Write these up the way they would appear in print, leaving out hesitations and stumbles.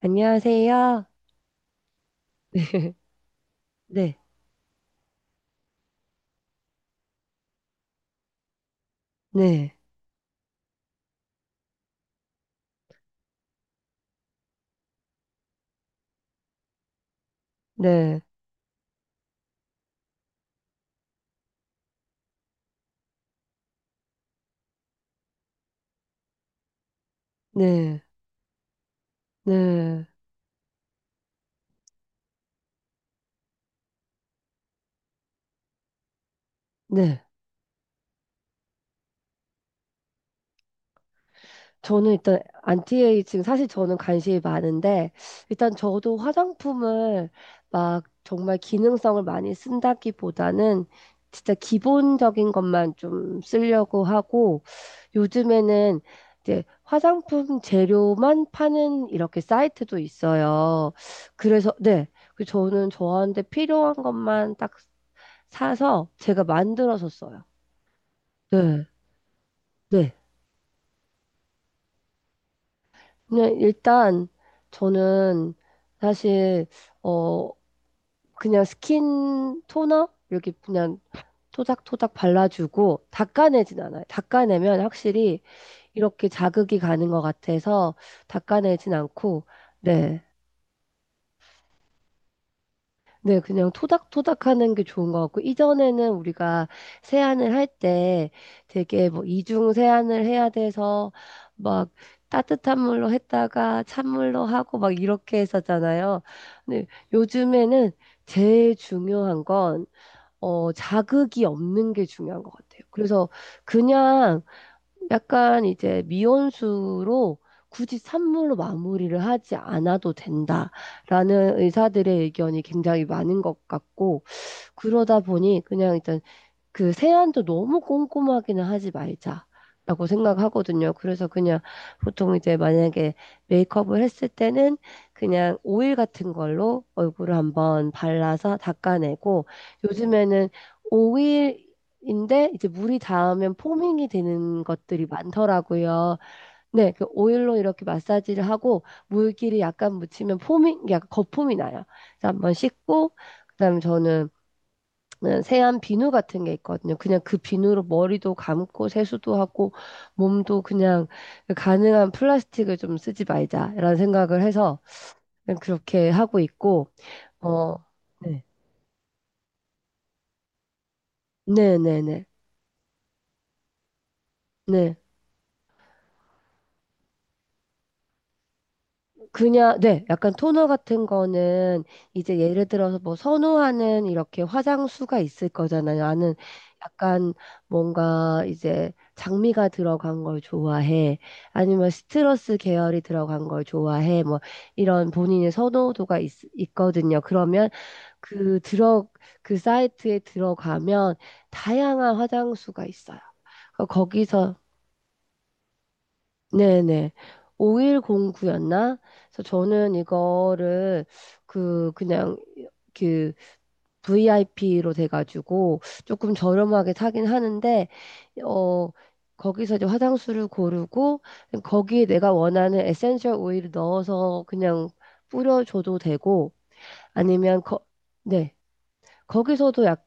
안녕하세요. 네, 네, 네, 네, 네, 네. 저는 일단 안티에이징 사실 저는 관심이 많은데 일단 저도 화장품을 막 정말 기능성을 많이 쓴다기보다는 진짜 기본적인 것만 좀 쓰려고 하고, 요즘에는 이제 화장품 재료만 파는 이렇게 사이트도 있어요. 그래서 네. 그 저는 저한테 필요한 것만 딱 사서 제가 만들어서 써요. 네, 네. 그냥 일단 저는 사실 어 그냥 스킨 토너 이렇게 그냥 토닥토닥 발라주고 닦아내진 않아요. 닦아내면 확실히 이렇게 자극이 가는 것 같아서 닦아내진 않고, 네. 네, 그냥 토닥토닥 하는 게 좋은 것 같고, 이전에는 우리가 세안을 할 때 되게 뭐 이중 세안을 해야 돼서 막 따뜻한 물로 했다가 찬물로 하고 막 이렇게 했었잖아요. 근데 요즘에는 제일 중요한 건, 자극이 없는 게 중요한 것 같아요. 그래서 그냥 약간 이제 미온수로 굳이 산물로 마무리를 하지 않아도 된다라는 의사들의 의견이 굉장히 많은 것 같고, 그러다 보니 그냥 일단 그 세안도 너무 꼼꼼하기는 하지 말자라고 생각하거든요. 그래서 그냥 보통 이제 만약에 메이크업을 했을 때는 그냥 오일 같은 걸로 얼굴을 한번 발라서 닦아내고, 요즘에는 오일인데 이제 물이 닿으면 포밍이 되는 것들이 많더라고요. 네, 그 오일로 이렇게 마사지를 하고 물기를 약간 묻히면 포밍, 약간 거품이 나요. 그래서 한번 씻고 그다음에 저는, 네, 세안 비누 같은 게 있거든요. 그냥 그 비누로 머리도 감고 세수도 하고 몸도 그냥 가능한 플라스틱을 좀 쓰지 말자라는 생각을 해서 그냥 그렇게 하고 있고, 어 네. 네네네. 네. 네. 그냥, 네, 약간 토너 같은 거는 이제 예를 들어서 뭐 선호하는 이렇게 화장수가 있을 거잖아요. 나는 약간 뭔가 이제 장미가 들어간 걸 좋아해. 아니면 시트러스 계열이 들어간 걸 좋아해. 뭐 이런 본인의 선호도가 있거든요. 그러면 그 들어, 그 사이트에 들어가면 다양한 화장수가 있어요. 그러니까 거기서 네네. 오일 공구였나, 그래서 저는 이거를 그 그냥 그 VIP로 돼가지고 조금 저렴하게 사긴 하는데, 어 거기서 이제 화장수를 고르고 거기에 내가 원하는 에센셜 오일을 넣어서 그냥 뿌려줘도 되고, 아니면 네, 거기서도 약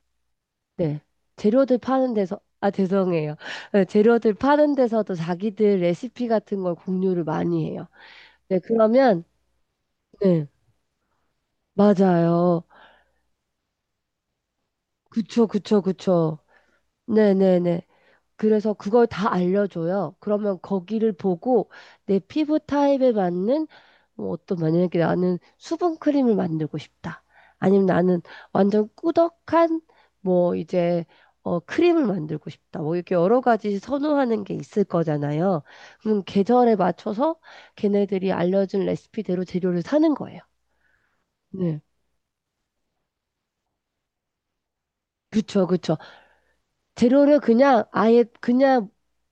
네, 재료들 파는 데서 아 죄송해요 재료들 파는 데서도 자기들 레시피 같은 걸 공유를 많이 해요. 네, 그러면, 네, 맞아요. 그쵸, 그쵸, 그쵸. 네네네. 그래서 그걸 다 알려줘요. 그러면 거기를 보고 내 피부 타입에 맞는, 뭐 어떤, 만약에 나는 수분 크림을 만들고 싶다. 아니면 나는 완전 꾸덕한 뭐 이제 크림을 만들고 싶다. 뭐 이렇게 여러 가지 선호하는 게 있을 거잖아요. 그럼 계절에 맞춰서 걔네들이 알려준 레시피대로 재료를 사는 거예요. 네. 그쵸, 그쵸. 재료를 그냥 아예 그냥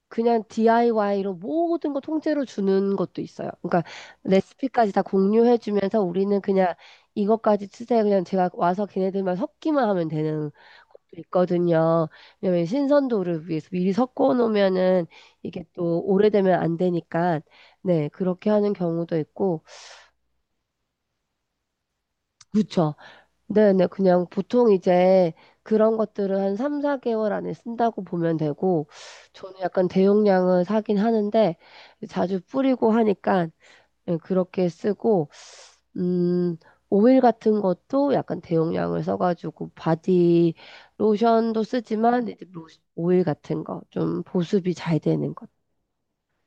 그냥 DIY로 모든 거 통째로 주는 것도 있어요. 그러니까 레시피까지 다 공유해 주면서 우리는 그냥 이것까지 쓰세요. 그냥 제가 와서 걔네들만 섞기만 하면 되는 것도 있거든요. 왜냐면 신선도를 위해서 미리 섞어 놓으면은 이게 또 오래되면 안 되니까, 네, 그렇게 하는 경우도 있고. 그렇죠. 네네, 그냥 보통 이제 그런 것들을 한 3, 4개월 안에 쓴다고 보면 되고, 저는 약간 대용량을 사긴 하는데, 자주 뿌리고 하니까 예, 그렇게 쓰고, 음, 오일 같은 것도 약간 대용량을 써가지고, 바디 로션도 쓰지만, 이제 오일 같은 거, 좀 보습이 잘 되는 것.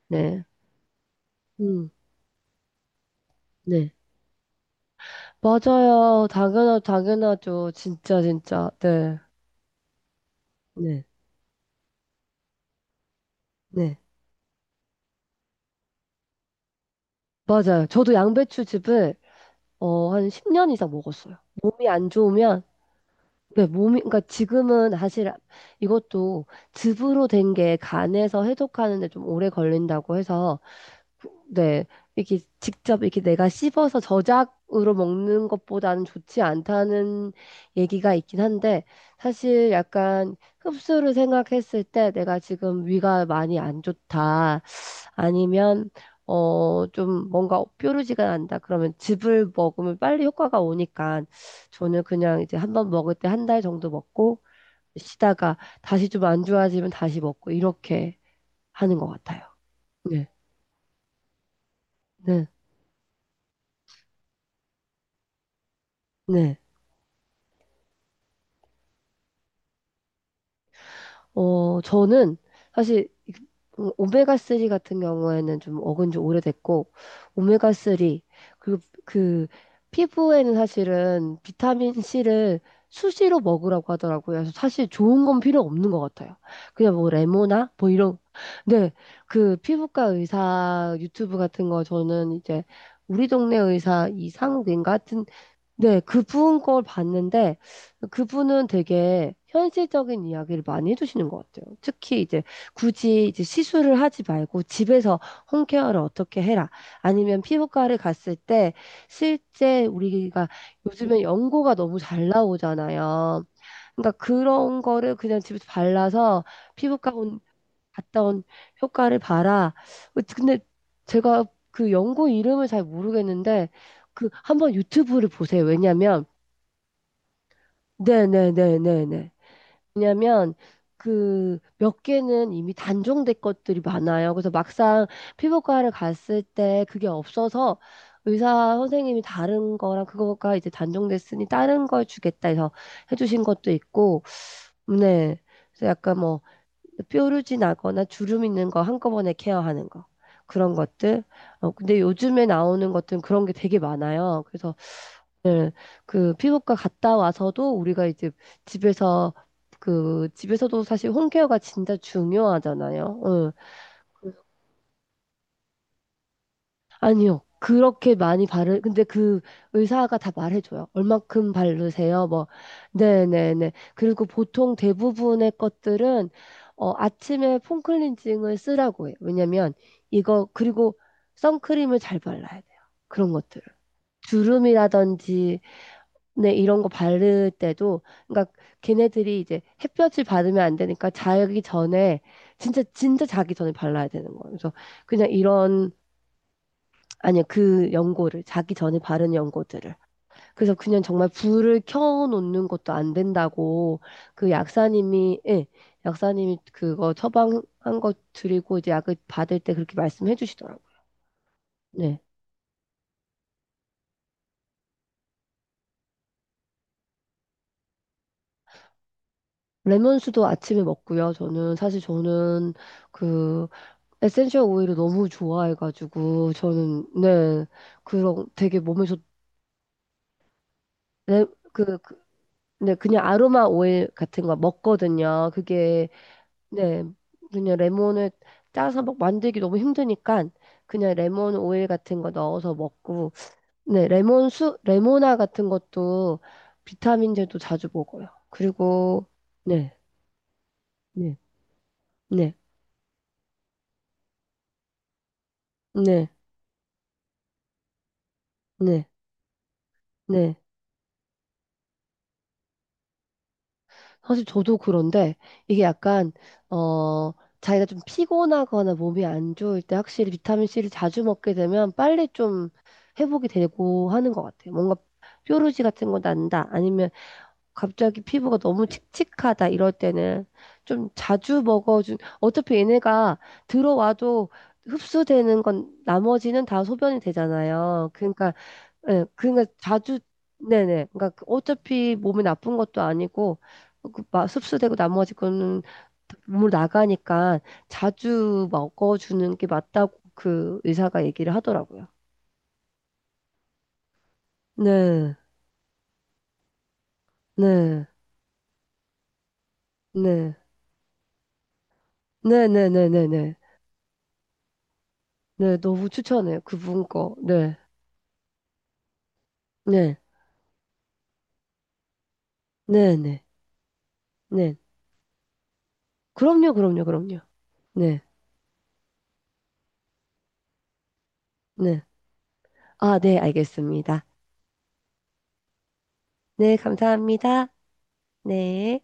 네. 음, 네. 맞아요. 당연하죠. 진짜, 진짜. 네. 네. 네. 맞아요. 저도 양배추즙을, 어, 한 10년 이상 먹었어요. 몸이 안 좋으면 네, 몸이, 그러니까 지금은 사실 이것도 즙으로 된 게 간에서 해독하는데 좀 오래 걸린다고 해서, 네, 이렇게 직접 이렇게 내가 씹어서 저작으로 먹는 것보다는 좋지 않다는 얘기가 있긴 한데, 사실 약간 흡수를 생각했을 때 내가 지금 위가 많이 안 좋다. 아니면 좀 뭔가 뾰루지가 난다 그러면 즙을 먹으면 빨리 효과가 오니까 저는 그냥 이제 한번 먹을 때 한 달 정도 먹고 쉬다가 다시 좀 안 좋아지면 다시 먹고 이렇게 하는 것 같아요. 네, 네, 네. 어, 저는 사실 오메가3 같은 경우에는 좀 먹은 지 오래됐고, 오메가3, 그리고 그 피부에는 사실은 비타민C를 수시로 먹으라고 하더라고요. 그래서 사실 좋은 건 필요 없는 것 같아요. 그냥 뭐 레모나? 뭐 이런. 네, 그 피부과 의사 유튜브 같은 거 저는 이제 우리 동네 의사 이상욱인가 하여튼, 네, 그분 걸 봤는데, 그분은 되게 현실적인 이야기를 많이 해주시는 것 같아요. 특히 이제 굳이 이제 시술을 하지 말고 집에서 홈케어를 어떻게 해라. 아니면 피부과를 갔을 때 실제 우리가 요즘에 연고가 너무 잘 나오잖아요. 그러니까 그런 거를 그냥 집에서 발라서 피부과 갔다 온 효과를 봐라. 근데 제가 그 연구 이름을 잘 모르겠는데, 그 한번 유튜브를 보세요. 왜냐면 네네네네네. 왜냐면 그 몇 개는 이미 단종된 것들이 많아요. 그래서 막상 피부과를 갔을 때 그게 없어서 의사 선생님이 다른 거랑 그거가 이제 단종됐으니 다른 걸 주겠다 해서 해주신 것도 있고, 네. 그래서 약간 뭐 뾰루지 나거나 주름 있는 거 한꺼번에 케어하는 거. 그런 것들. 근데 요즘에 나오는 것들은 그런 게 되게 많아요. 그래서 네, 그 피부과 갔다 와서도 우리가 이제 집에서 그 집에서도 사실 홈케어가 진짜 중요하잖아요. 응. 아니요. 근데 그 의사가 다 말해줘요. 얼만큼 바르세요? 뭐, 네네네. 그리고 보통 대부분의 것들은, 어, 아침에 폼클렌징을 쓰라고 해요. 왜냐면, 그리고 선크림을 잘 발라야 돼요. 그런 것들을. 주름이라든지, 네, 이런 거 바를 때도, 그러니까 걔네들이 이제 햇볕을 받으면 안 되니까 자기 전에, 진짜, 진짜 자기 전에 발라야 되는 거예요. 그래서 그냥 이런, 아니요, 그 연고를, 자기 전에 바른 연고들을. 그래서 그냥 정말 불을 켜놓는 것도 안 된다고 그 약사님이, 예, 약사님이 그거 처방한 거 드리고 이제 약을 받을 때 그렇게 말씀해 주시더라고요. 네. 레몬수도 아침에 먹고요. 저는 사실 저는 그 에센셜 오일을 너무 좋아해가지고 저는, 네, 그런 되게 몸에 좋, 네, 그, 그, 네, 그냥 아로마 오일 같은 거 먹거든요. 그게, 네, 그냥 레몬을 짜서 막 만들기 너무 힘드니까 그냥 레몬 오일 같은 거 넣어서 먹고, 네, 레몬 수, 레모나 같은 것도 비타민제도 자주 먹어요. 그리고, 네, 네, 네, 네, 네, 네. 사실 저도 그런데 이게 약간, 어, 자기가 좀 피곤하거나 몸이 안 좋을 때 확실히 비타민C를 자주 먹게 되면 빨리 좀 회복이 되고 하는 것 같아요. 뭔가 뾰루지 같은 거 난다. 아니면 갑자기 피부가 너무 칙칙하다 이럴 때는 좀 자주 먹어준 어차피 얘네가 들어와도 흡수되는 건 나머지는 다 소변이 되잖아요. 그러니까 예, 그러니까 자주 네네. 그러니까 그 어차피 몸에 나쁜 것도 아니고 흡수되고 나머지 거는 몸으로 나가니까 자주 먹어주는 게 맞다고 그 의사가 얘기를 하더라고요. 네, 네, 네, 네, 네, 네, 네, 네. 네, 너무 추천해요. 그분 거. 네, 네, 네, 네, 네. 그럼요, 그럼요, 그럼요. 네, 네. 아, 네, 알겠습니다. 네, 감사합니다. 네.